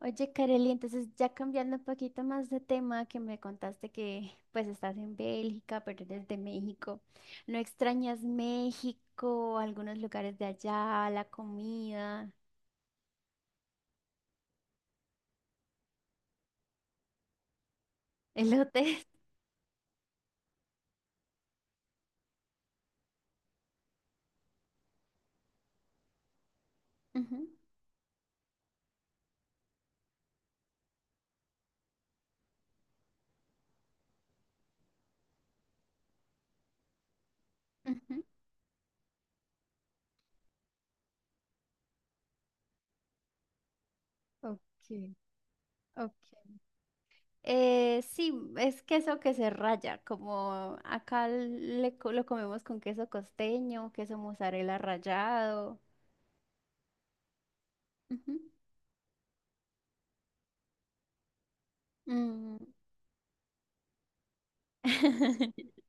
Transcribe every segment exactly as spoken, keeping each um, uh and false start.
Oye, Kareli, entonces ya cambiando un poquito más de tema, que me contaste que pues estás en Bélgica, pero eres de México. ¿No extrañas México, algunos lugares de allá, la comida, elotes? Ujú, ujú. Ok, ok. Eh, sí, es queso que se raya, como acá le co- lo comemos con queso costeño, queso mozzarella rallado. Ujú. Mm.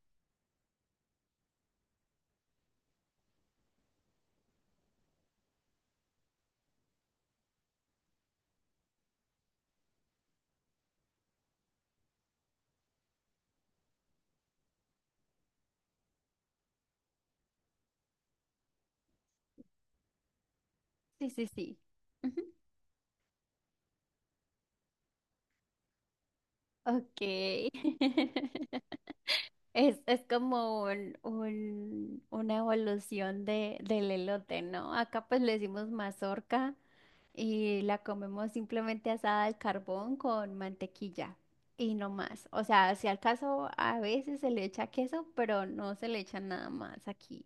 Sí, sí, sí. Ok. Es, es como un, un- una evolución de, del elote, ¿no? Acá pues le decimos mazorca y la comemos simplemente asada al carbón con mantequilla y no más. O sea, si al caso a veces se le echa queso, pero no se le echa nada más aquí.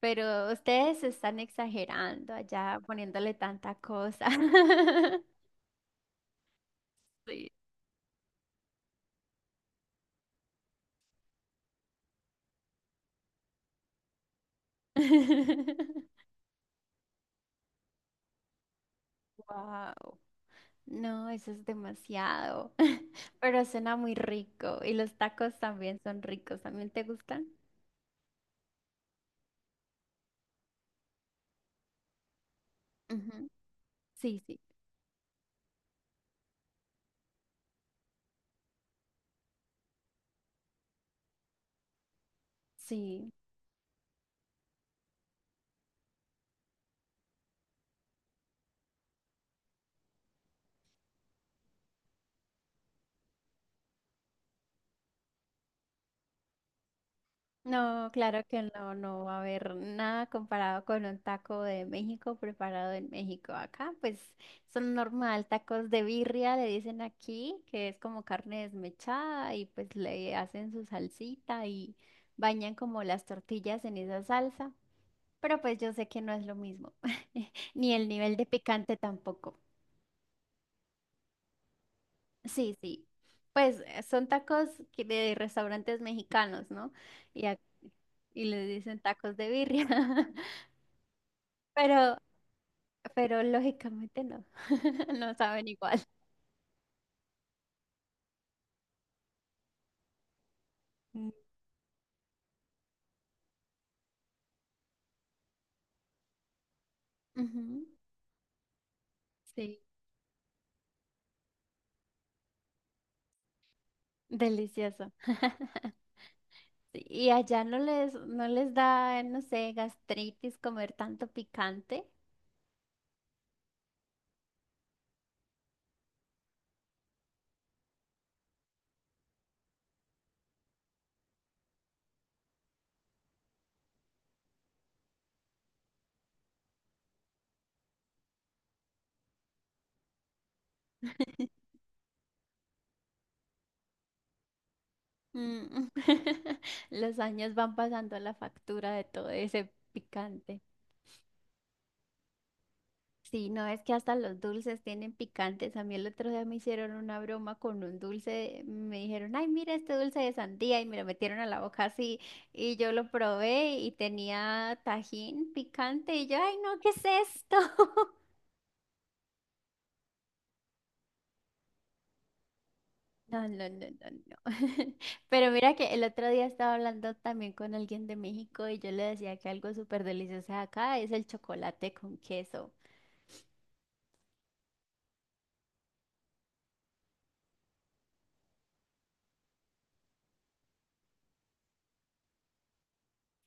Pero ustedes están exagerando allá poniéndole tanta cosa. Sí. Wow. No, eso es demasiado, pero suena muy rico y los tacos también son ricos. ¿También te gustan? Ujú. Sí, sí, sí. No, claro que no, no va a haber nada comparado con un taco de México preparado en México. Acá, pues son normal, tacos de birria, le dicen aquí, que es como carne desmechada y pues le hacen su salsita y bañan como las tortillas en esa salsa. Pero pues yo sé que no es lo mismo, ni el nivel de picante tampoco. Sí, sí. Pues eh, son tacos que de restaurantes mexicanos, ¿no? Y, a- y les dicen tacos de birria. Pero, pero lógicamente no. No saben igual. Mm, ujú, sí, delicioso. Sí, y allá no les, no les da, no sé, gastritis comer tanto picante. Mm. Los años van pasando la factura de todo ese picante. Sí, no es que hasta los dulces tienen picantes. A mí el otro día me hicieron una broma con un dulce. Me dijeron, ay, mira este dulce de sandía y me lo metieron a la boca así. Y yo lo probé y tenía tajín picante y yo, ay, no, ¿qué es esto? No, no, no, no, no. Pero mira que el otro día estaba hablando también con alguien de México y yo le decía que algo súper delicioso de acá es el chocolate con queso.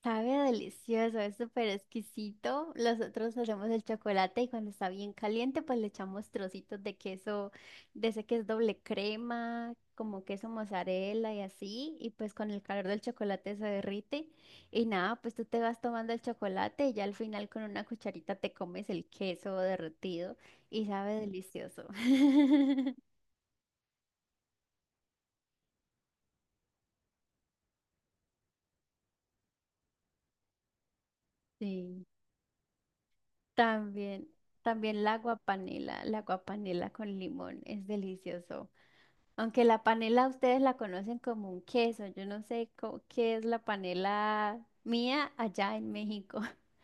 Sabe delicioso, es súper exquisito. Nosotros hacemos el chocolate y cuando está bien caliente, pues le echamos trocitos de queso, de ese que es doble crema, como queso mozzarella y así. Y pues con el calor del chocolate se derrite. Y nada, pues tú te vas tomando el chocolate y ya al final con una cucharita te comes el queso derretido y sabe delicioso. Sí, también, también la guapanela, la guapanela con limón, es delicioso. Aunque la panela ustedes la conocen como un queso, yo no sé co- qué es la panela mía allá en México.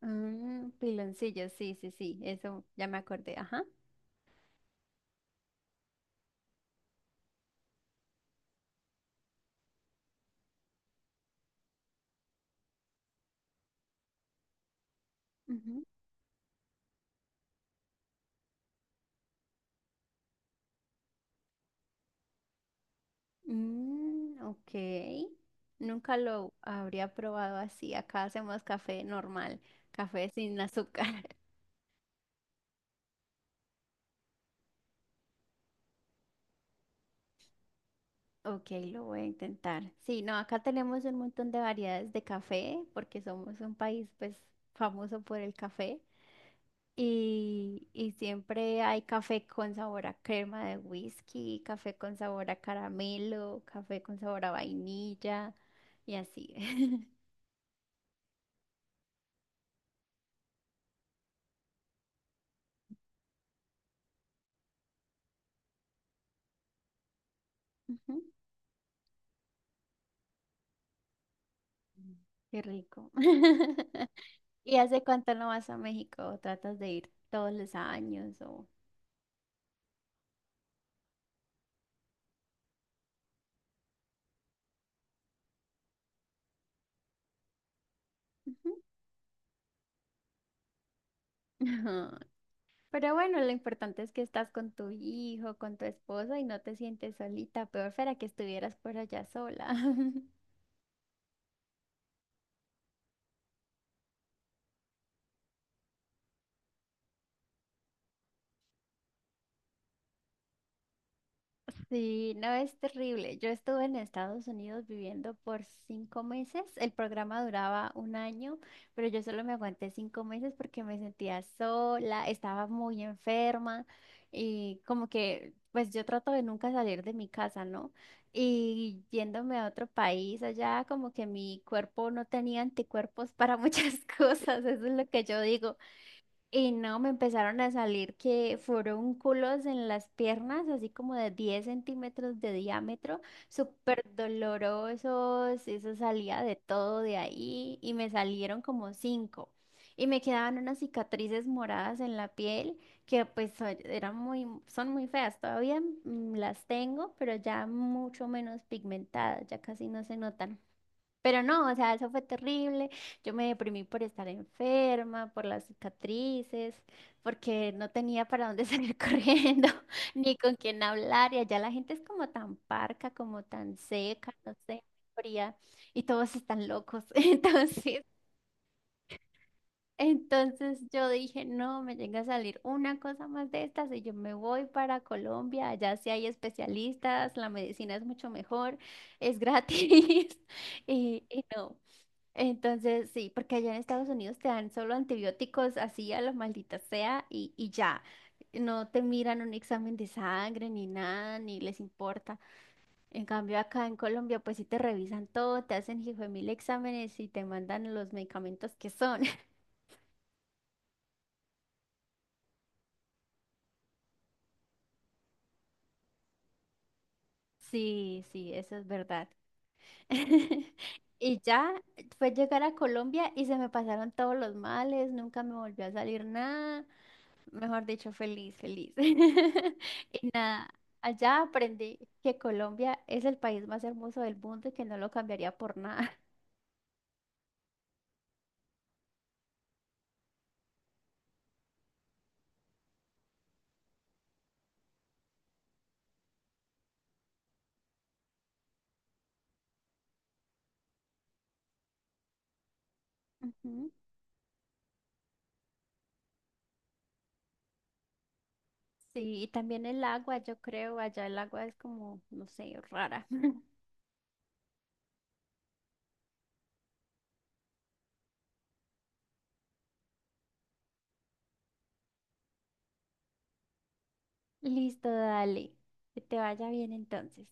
Mm, piloncillo, sí, sí, sí, eso ya me acordé, ajá. Ujú. Mm, ok, nunca lo habría probado así, acá hacemos café normal, café sin azúcar. Ok, lo voy a intentar. Sí, no, acá tenemos un montón de variedades de café porque somos un país pues famoso por el café y, y siempre hay café con sabor a crema de whisky, café con sabor a caramelo, café con sabor a vainilla y así. Ujú. Mm. Qué rico. ¿Y hace cuánto no vas a México? ¿O tratas de ir todos los años o...? Ujú. Pero bueno, lo importante es que estás con tu hijo, con tu esposa y no te sientes solita. Peor fuera que estuvieras por allá sola. Sí, no es terrible. Yo estuve en Estados Unidos viviendo por cinco meses. El programa duraba un año, pero yo solo me aguanté cinco meses porque me sentía sola, estaba muy enferma y como que, pues yo trato de nunca salir de mi casa, ¿no? Y yéndome a otro país allá, como que mi cuerpo no tenía anticuerpos para muchas cosas, eso es lo que yo digo. Y no, me empezaron a salir que forúnculos en las piernas, así como de diez centímetros de diámetro, súper dolorosos, eso salía de todo de ahí y me salieron como cinco. Y me quedaban unas cicatrices moradas en la piel que pues so- eran muy, son muy feas, todavía mm, las tengo, pero ya mucho menos pigmentadas, ya casi no se notan. Pero no, o sea, eso fue terrible. Yo me deprimí por estar enferma, por las cicatrices, porque no tenía para dónde salir corriendo, ni con quién hablar. Y allá la gente es como tan parca, como tan seca, no sé, fría, y todos están locos. Entonces, entonces yo dije, no, me llega a salir una cosa más de estas y yo me voy para Colombia. Allá sí hay especialistas, la medicina es mucho mejor, es gratis. Y, y no. Entonces, sí, porque allá en Estados Unidos te dan solo antibióticos así a lo maldita sea y, y ya. No te miran un examen de sangre ni nada, ni les importa. En cambio, acá en Colombia, pues sí te revisan todo, te hacen hijo de mil exámenes y te mandan los medicamentos que son. Sí, sí, eso es verdad. Y ya fue llegar a Colombia y se me pasaron todos los males, nunca me volvió a salir nada. Mejor dicho, feliz, feliz. Y nada, allá aprendí que Colombia es el país más hermoso del mundo y que no lo cambiaría por nada. Ujú. Sí, y también el agua, yo creo, allá el agua es como, no sé, rara. Listo, dale. Que te vaya bien entonces.